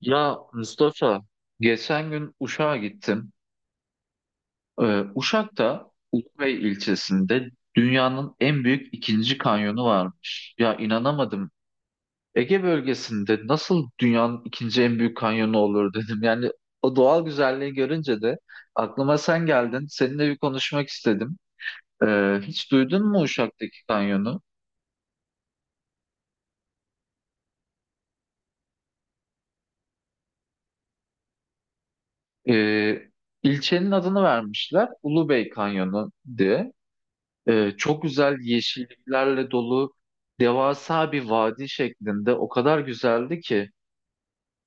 Ya Mustafa, geçen gün Uşak'a gittim. Uşak'ta Ulubey ilçesinde dünyanın en büyük ikinci kanyonu varmış. Ya inanamadım. Ege bölgesinde nasıl dünyanın ikinci en büyük kanyonu olur dedim. Yani o doğal güzelliği görünce de aklıma sen geldin. Seninle bir konuşmak istedim. Hiç duydun mu Uşak'taki kanyonu? Ee, ilçenin adını vermişler Ulubey Kanyonu diye. Çok güzel yeşilliklerle dolu devasa bir vadi şeklinde o kadar güzeldi ki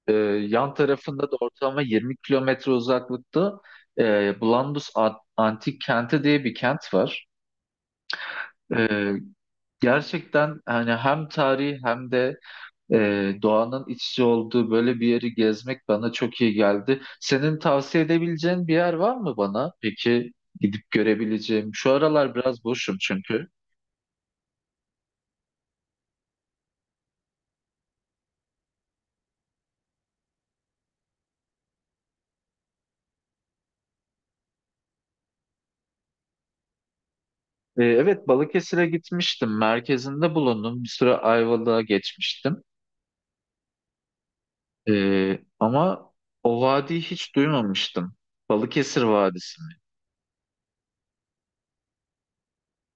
e, yan tarafında da ortalama 20 kilometre uzaklıkta Blandus Antik Kenti diye bir kent var. Ee, gerçekten hani hem tarihi hem de doğanın iç içe olduğu böyle bir yeri gezmek bana çok iyi geldi. Senin tavsiye edebileceğin bir yer var mı bana? Peki gidip görebileceğim. Şu aralar biraz boşum çünkü. Evet, Balıkesir'e gitmiştim. Merkezinde bulundum. Bir süre Ayvalık'a geçmiştim. Ama o vadiyi hiç duymamıştım. Balıkesir Vadisi mi?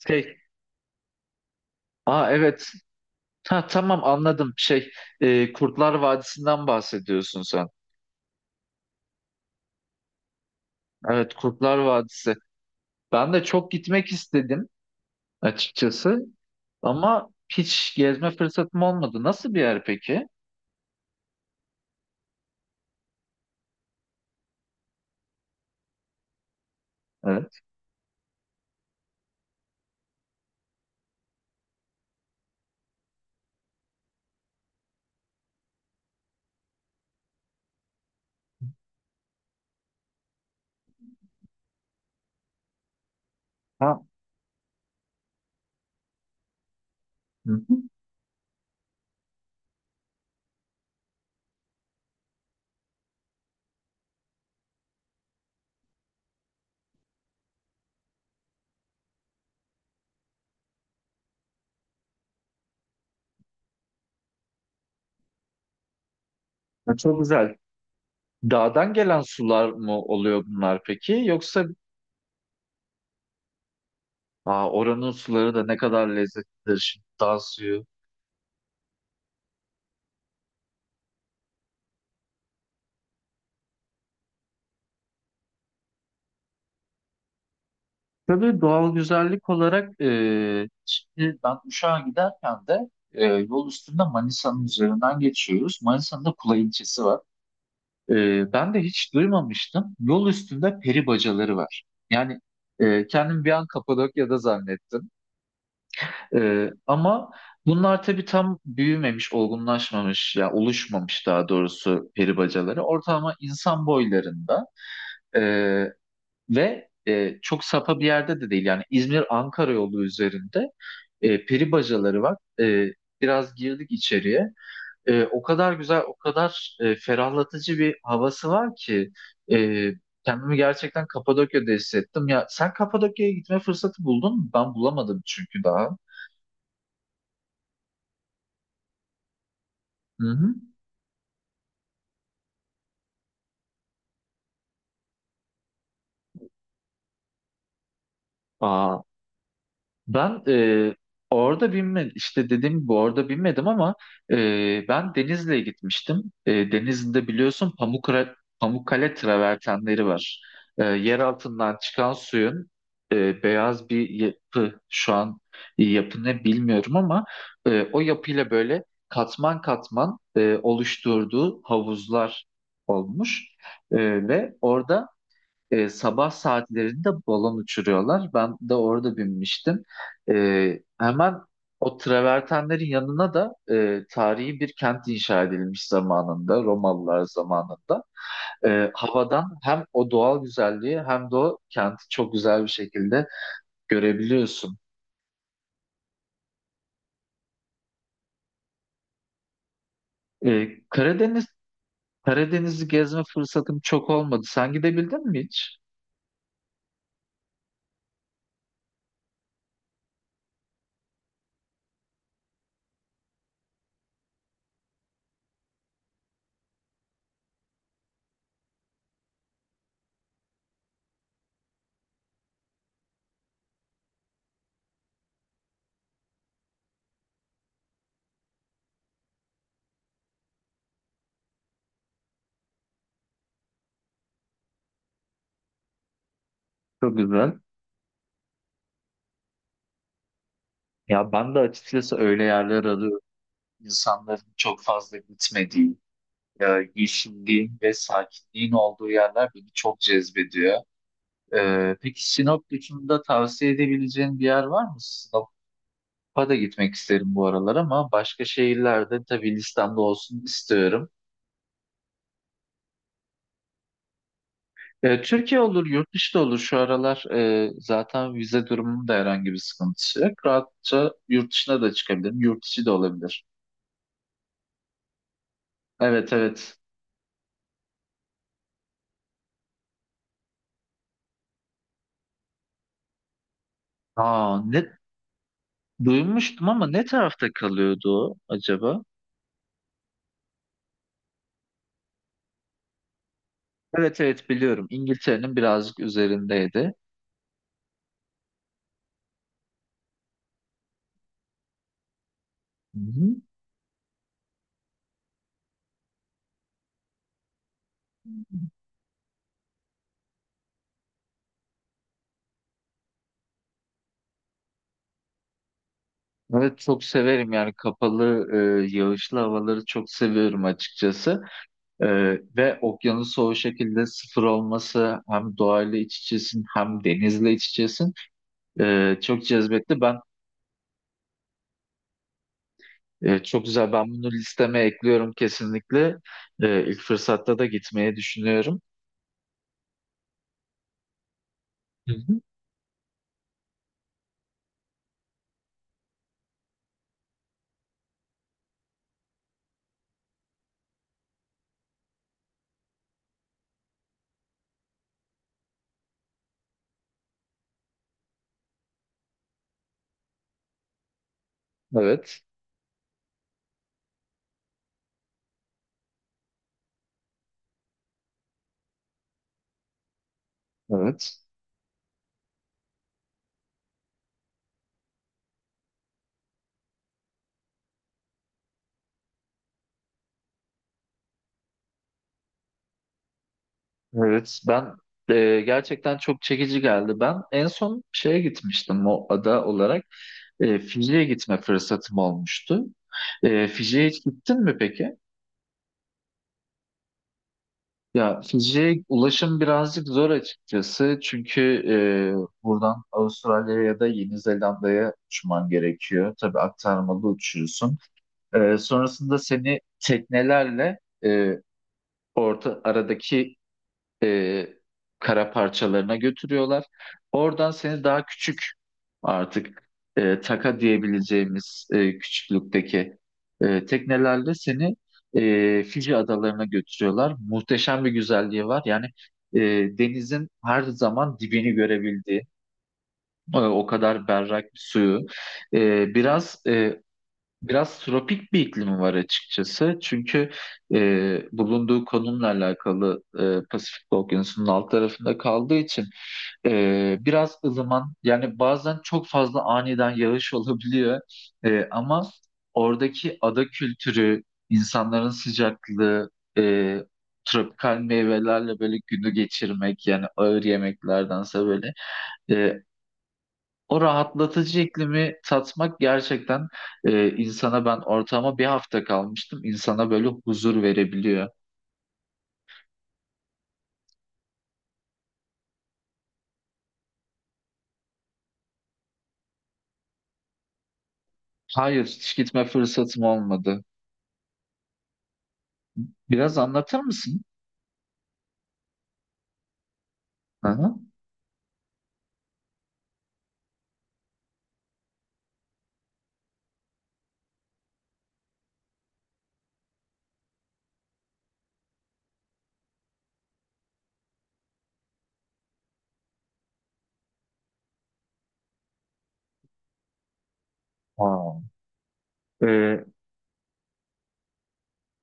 Şey, aa evet. Ha, tamam anladım. Şey, Kurtlar Vadisi'nden bahsediyorsun sen. Evet, Kurtlar Vadisi. Ben de çok gitmek istedim açıkçası. Ama hiç gezme fırsatım olmadı. Nasıl bir yer peki? Evet. Ha. Hı hı. Ha, çok güzel. Dağdan gelen sular mı oluyor bunlar peki? Yoksa aa, oranın suları da ne kadar lezzetlidir şimdi dağ suyu. Tabii doğal güzellik olarak şimdi ben Uşak'a giderken de yol üstünde Manisa'nın üzerinden geçiyoruz. Manisa'nın da Kula ilçesi var. E, ben de hiç duymamıştım. Yol üstünde peri bacaları var. Yani kendim bir an Kapadokya'da zannettim. Ama bunlar tabii tam büyümemiş, olgunlaşmamış ya oluşmamış daha doğrusu peri bacaları. Ortalama insan boylarında ee, ve çok sapa bir yerde de değil. Yani İzmir-Ankara yolu üzerinde peri bacaları var. Biraz girdik içeriye. O kadar güzel, o kadar ferahlatıcı bir havası var ki e, kendimi gerçekten Kapadokya'da hissettim. Ya sen Kapadokya'ya gitme fırsatı buldun mu? Ben bulamadım çünkü daha. Hı hı. Aa, ben orada binmedim, işte dediğim gibi orada binmedim, ama ben Denizli'ye gitmiştim. Denizli'de biliyorsun Pamukkale travertenleri var. Yer altından çıkan suyun beyaz bir yapı şu an, yapı ne bilmiyorum ama o yapıyla böyle katman katman oluşturduğu havuzlar olmuş. E, ve orada sabah saatlerinde balon uçuruyorlar. Ben de orada binmiştim. E, hemen o travertenlerin yanına da tarihi bir kent inşa edilmiş zamanında, Romalılar zamanında. Havadan hem o doğal güzelliği hem de o kenti çok güzel bir şekilde görebiliyorsun. E, Karadeniz Karadeniz'i gezme fırsatım çok olmadı. Sen gidebildin mi hiç? Çok güzel. Ya ben de açıkçası öyle yerler arıyorum. İnsanların çok fazla gitmediği, yeşilliğin ve sakinliğin olduğu yerler beni çok cezbediyor. Peki Sinop dışında tavsiye edebileceğin bir yer var mı? Sinop'a da gitmek isterim bu aralar ama başka şehirlerde tabii listemde olsun istiyorum. Türkiye olur, yurt dışı da olur. Şu aralar zaten vize durumunun da herhangi bir sıkıntısı yok. Rahatça yurt dışına da çıkabilirim. Yurt içi de olabilir. Evet, evet. Aa, ne duymuştum ama ne tarafta kalıyordu o acaba? Evet, evet, biliyorum. İngiltere'nin birazcık üzerindeydi. Hı hı. Evet, çok severim yani kapalı yağışlı havaları çok seviyorum açıkçası. E, ve okyanusu o şekilde sıfır olması hem doğayla iç içesin hem denizle iç içesin. Çok cezbetti. Ben çok güzel, ben bunu listeme ekliyorum kesinlikle. E, ilk fırsatta da gitmeyi düşünüyorum. Hı hı. Evet, evet. Evet, ben gerçekten çok çekici geldi. Ben en son şeye gitmiştim o ada olarak. Fiji'ye gitme fırsatım olmuştu. Fiji'ye hiç gittin mi peki? Ya Fiji'ye ulaşım birazcık zor açıkçası. Çünkü e, buradan Avustralya'ya ya da Yeni Zelanda'ya uçman gerekiyor. Tabii aktarmalı uçuyorsun. Sonrasında seni teknelerle e, orta aradaki e, kara parçalarına götürüyorlar. Oradan seni daha küçük, artık taka diyebileceğimiz küçüklükteki teknelerle seni Fiji adalarına götürüyorlar. Muhteşem bir güzelliği var. Yani e, denizin her zaman dibini görebildiği, o kadar berrak bir suyu. E, biraz e, Biraz tropik bir iklimi var açıkçası. Çünkü bulunduğu konumla alakalı Pasifik Okyanusu'nun alt tarafında kaldığı için biraz ılıman, yani bazen çok fazla aniden yağış olabiliyor. Ama oradaki ada kültürü, insanların sıcaklığı, e, tropikal meyvelerle böyle günü geçirmek, yani ağır yemeklerdense böyle e, o rahatlatıcı iklimi tatmak gerçekten insana, ben ortama bir hafta kalmıştım, insana böyle huzur verebiliyor. Hayır, hiç gitme fırsatım olmadı. Biraz anlatır mısın? Hı-hı. E,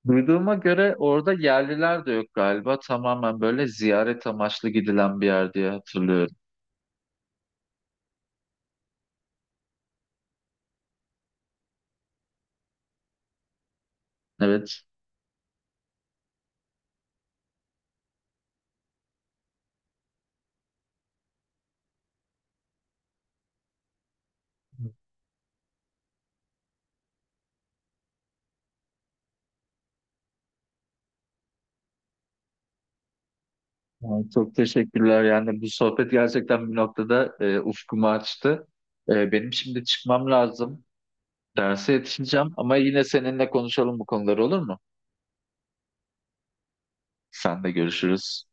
duyduğuma göre orada yerliler de yok galiba. Tamamen böyle ziyaret amaçlı gidilen bir yer diye hatırlıyorum. Evet. Ay, çok teşekkürler. Yani bu sohbet gerçekten bir noktada ufkumu açtı. Benim şimdi çıkmam lazım. Derse yetişeceğim ama yine seninle konuşalım bu konuları, olur mu? Sen de görüşürüz.